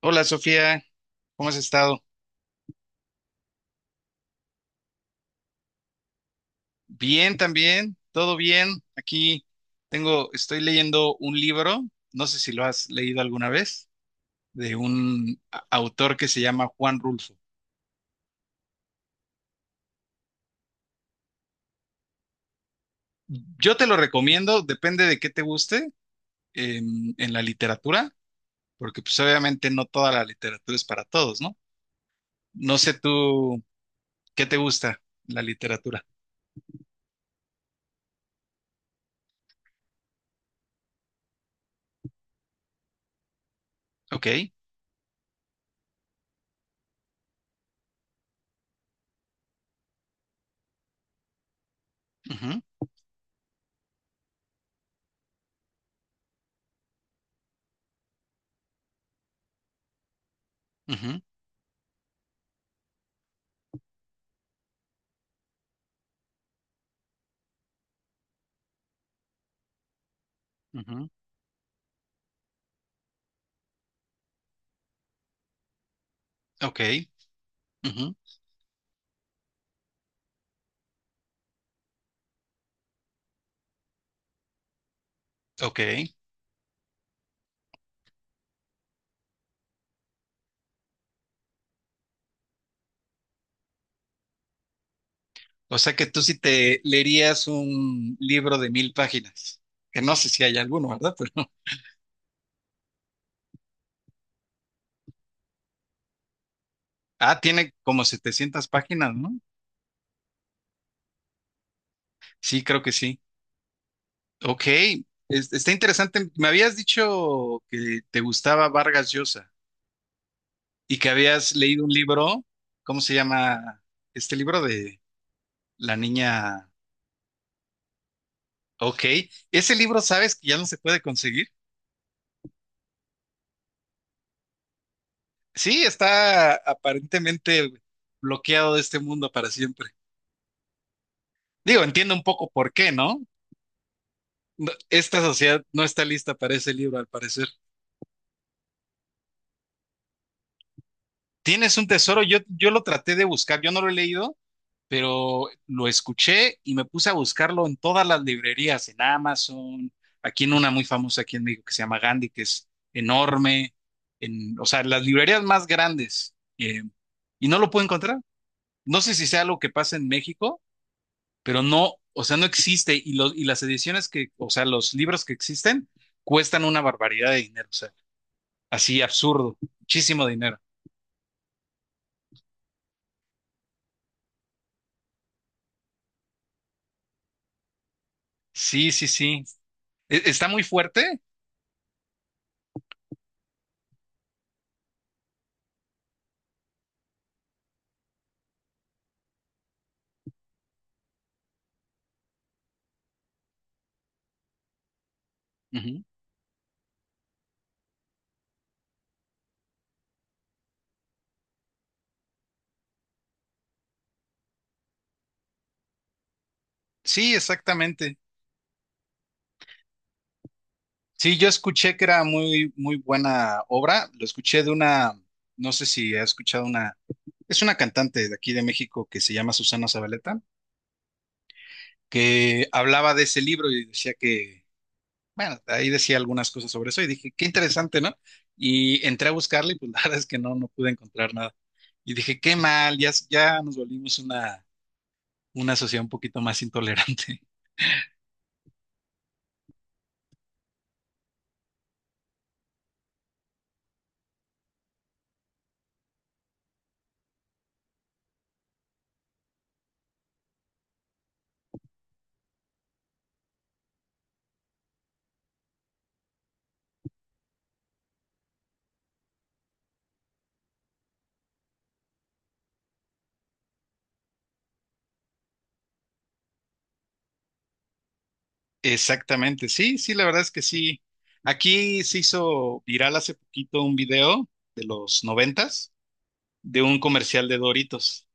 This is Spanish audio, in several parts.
Hola Sofía, ¿cómo has estado? Bien también, todo bien. Aquí tengo, estoy leyendo un libro, no sé si lo has leído alguna vez, de un autor que se llama Juan Rulfo. Yo te lo recomiendo, depende de qué te guste en la literatura, porque pues obviamente no toda la literatura es para todos, ¿no? No sé tú, ¿qué te gusta la literatura? Ok. Ujú. Ujú. Ujú. Ok. Ujú. Ok. O sea que tú sí te leerías un libro de mil páginas, que no sé si hay alguno, ¿verdad? Pero, ah, tiene como 700 páginas, ¿no? Sí, creo que sí. Ok, está interesante. Me habías dicho que te gustaba Vargas Llosa y que habías leído un libro, ¿cómo se llama? Este libro de la niña. Ok, ese libro, ¿sabes que ya no se puede conseguir? Sí, está aparentemente bloqueado de este mundo para siempre. Digo, entiendo un poco por qué, ¿no? No, esta sociedad no está lista para ese libro, al parecer. Tienes un tesoro, yo lo traté de buscar, yo no lo he leído, pero lo escuché y me puse a buscarlo en todas las librerías, en Amazon, aquí en una muy famosa aquí en México que se llama Gandhi, que es enorme, en, o sea, las librerías más grandes, y no lo puedo encontrar. No sé si sea algo que pasa en México, pero no, o sea, no existe, y, los y las ediciones que, o sea, los libros que existen cuestan una barbaridad de dinero. Así absurdo, muchísimo dinero. Sí, sí, sí. ¿Está muy fuerte? Ujú. Sí, exactamente. Sí, yo escuché que era muy, muy buena obra. Lo escuché de una, no sé si ha escuchado una, es una cantante de aquí de México que se llama Susana Zabaleta, que hablaba de ese libro y decía que, bueno, ahí decía algunas cosas sobre eso y dije, qué interesante, ¿no? Y entré a buscarle y pues la verdad es que no pude encontrar nada. Y dije, qué mal, ya, ya nos volvimos una sociedad un poquito más intolerante. Exactamente, sí, sí, la verdad es que sí. Aquí se hizo viral hace poquito un video de los noventas de un comercial de Doritos.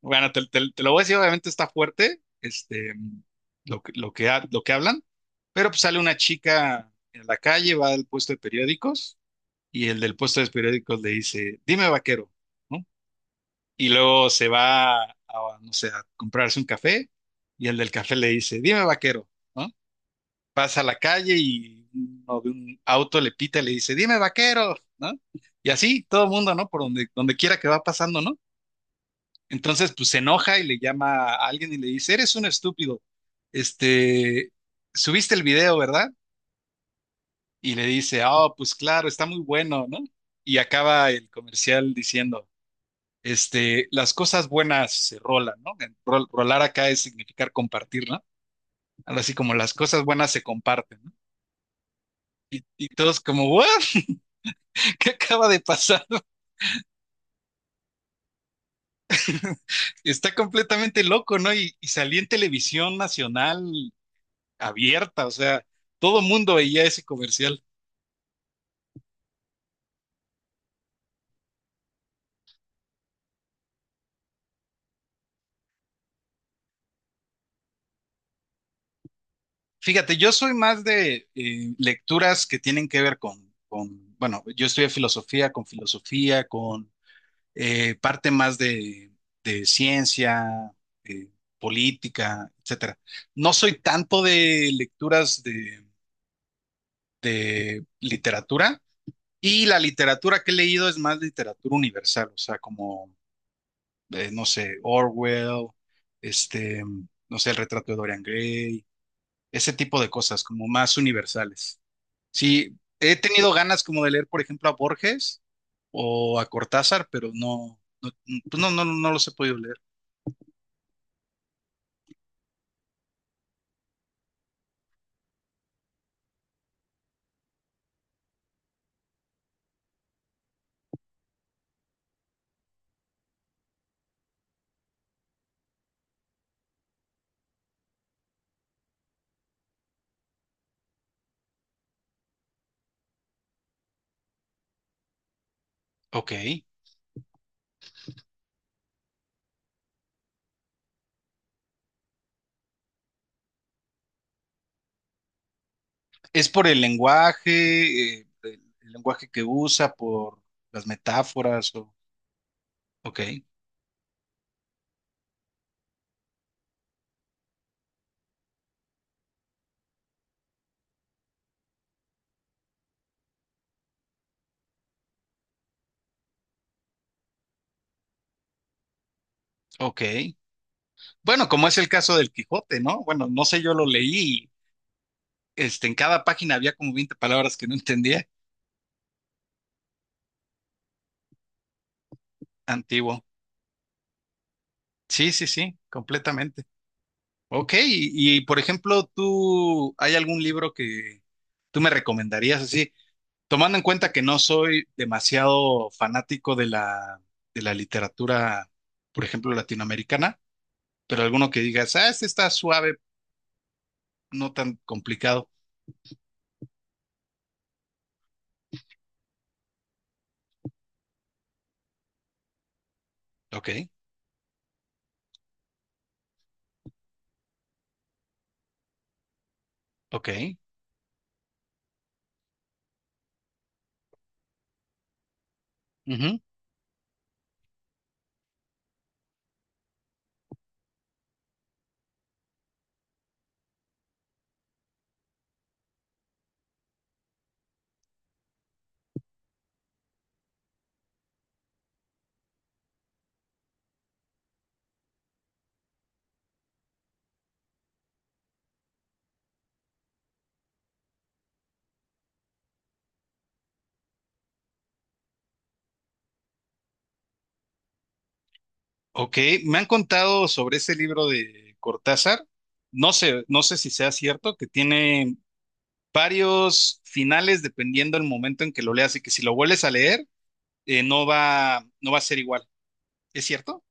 Bueno, te lo voy a decir, obviamente está fuerte, este, lo que hablan, pero pues sale una chica en la calle, va al puesto de periódicos y el del puesto de periódicos le dice, dime vaquero, ¿no? Y luego se va a, no sé, a comprarse un café y el del café le dice, dime vaquero, ¿no? Pasa a la calle y uno de un auto le pita y le dice, dime vaquero, ¿no? Y así todo el mundo, ¿no? Por donde quiera que va pasando, ¿no? Entonces, pues se enoja y le llama a alguien y le dice, eres un estúpido, este, subiste el video, ¿verdad? Y le dice, oh, pues claro, está muy bueno, ¿no? Y acaba el comercial diciendo, este, las cosas buenas se rolan, ¿no? En rolar acá es significar compartir, ¿no? Algo así como las cosas buenas se comparten, ¿no? Y todos como, ¿what? ¿Qué acaba de pasar? Está completamente loco, ¿no? Y salía en televisión nacional abierta, o sea, todo mundo veía ese comercial. Fíjate, yo soy más de lecturas que tienen que ver bueno, yo estudié filosofía, con parte más de ciencia, eh, política, etcétera. No soy tanto de lecturas de literatura. Y la literatura que he leído es más literatura universal, o sea, como no sé, Orwell, este, no sé, el retrato de Dorian Gray, ese tipo de cosas como más universales. Sí, he tenido ganas como de leer, por ejemplo, a Borges o a Cortázar, pero no, pues no, no los he podido leer. Ok. ¿Es por el lenguaje, el lenguaje que usa, por las metáforas o... Ok, ok. Bueno, como es el caso del Quijote, ¿no? Bueno, no sé, yo lo leí, y, este, en cada página había como 20 palabras que no entendía. Antiguo. Sí, sí, sí, completamente. Ok, y, por ejemplo, ¿tú hay algún libro que tú me recomendarías así? Tomando en cuenta que no soy demasiado fanático de la literatura, por ejemplo, latinoamericana, pero alguno que digas, ah, este está suave, no tan complicado. Ok, ok, ujú, ok. Me han contado sobre ese libro de Cortázar. No sé, no sé si sea cierto, que tiene varios finales dependiendo del momento en que lo leas y que si lo vuelves a leer, no va a ser igual. ¿Es cierto?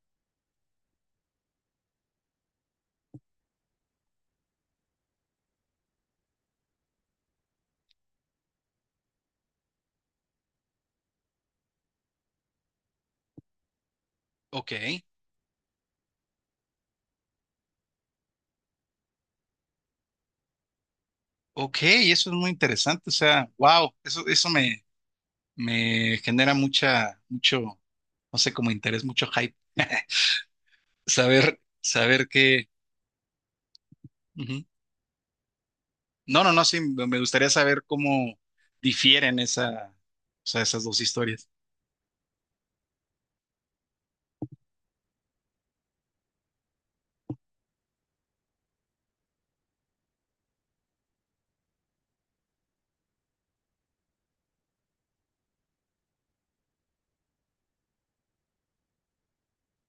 Ok, ok, eso es muy interesante. O sea, wow, eso me, genera mucha, mucho, no sé, como interés, mucho hype. Saber, saber qué. Ujú. No, no, no, sí, me gustaría saber cómo difieren esa, o sea, esas dos historias.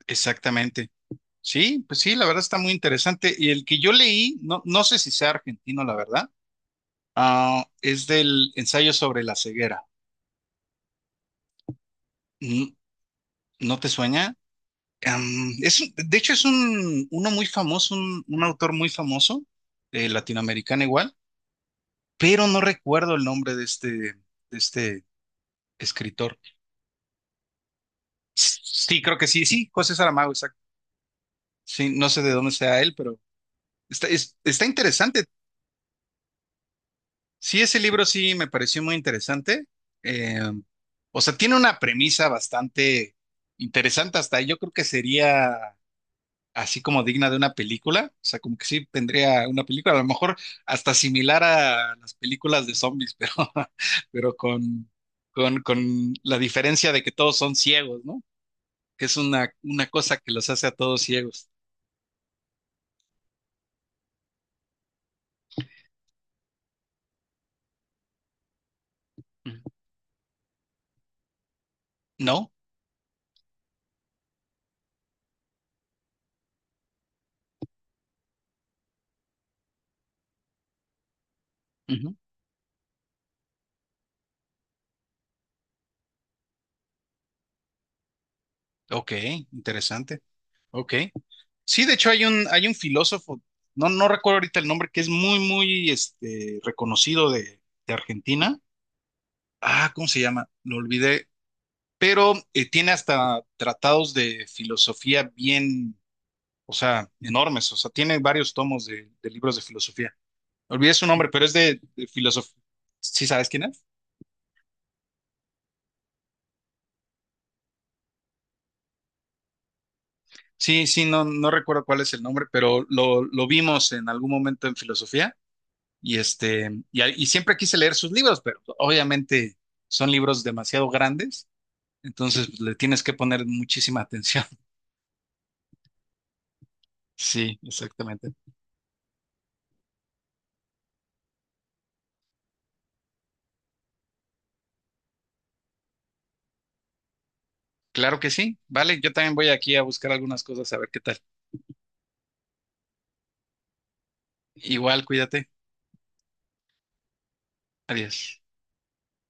Exactamente. Sí, pues sí, la verdad está muy interesante. Y el que yo leí, no, no sé si sea argentino, la verdad. Ah, es del ensayo sobre la ceguera. Mm. ¿No te sueña? Es, de hecho, es un, uno muy famoso, un autor muy famoso, latinoamericano igual, pero no recuerdo el nombre de este escritor. Sí, creo que sí, sí, José Saramago, exacto. Sí, no sé de dónde sea él, pero está interesante. Sí, ese libro sí me pareció muy interesante. Eh, o sea, tiene una premisa bastante interesante, hasta yo creo que sería así como digna de una película, o sea, como que sí tendría una película, a lo mejor hasta similar a las películas de zombies, pero con la diferencia de que todos son ciegos, ¿no? Que es una cosa que los hace a todos ciegos. Ujú. ¿No? Ujú. Ok, interesante. Ok. Sí, de hecho hay un filósofo, no, no recuerdo ahorita el nombre, que es muy, muy este, reconocido de Argentina. Ah, ¿cómo se llama? Lo olvidé. Pero tiene hasta tratados de filosofía bien, o sea, enormes, o sea, tiene varios tomos de libros de filosofía. Olvidé su nombre, pero es de filosofía. ¿Sí sabes quién es? Sí, sí, no, no recuerdo cuál es el nombre, pero lo vimos en algún momento en filosofía y este, y siempre quise leer sus libros, pero obviamente son libros demasiado grandes, entonces pues, le tienes que poner muchísima atención. Sí, exactamente. Claro que sí. Vale, yo también voy aquí a buscar algunas cosas a ver qué tal. Igual, cuídate. Adiós.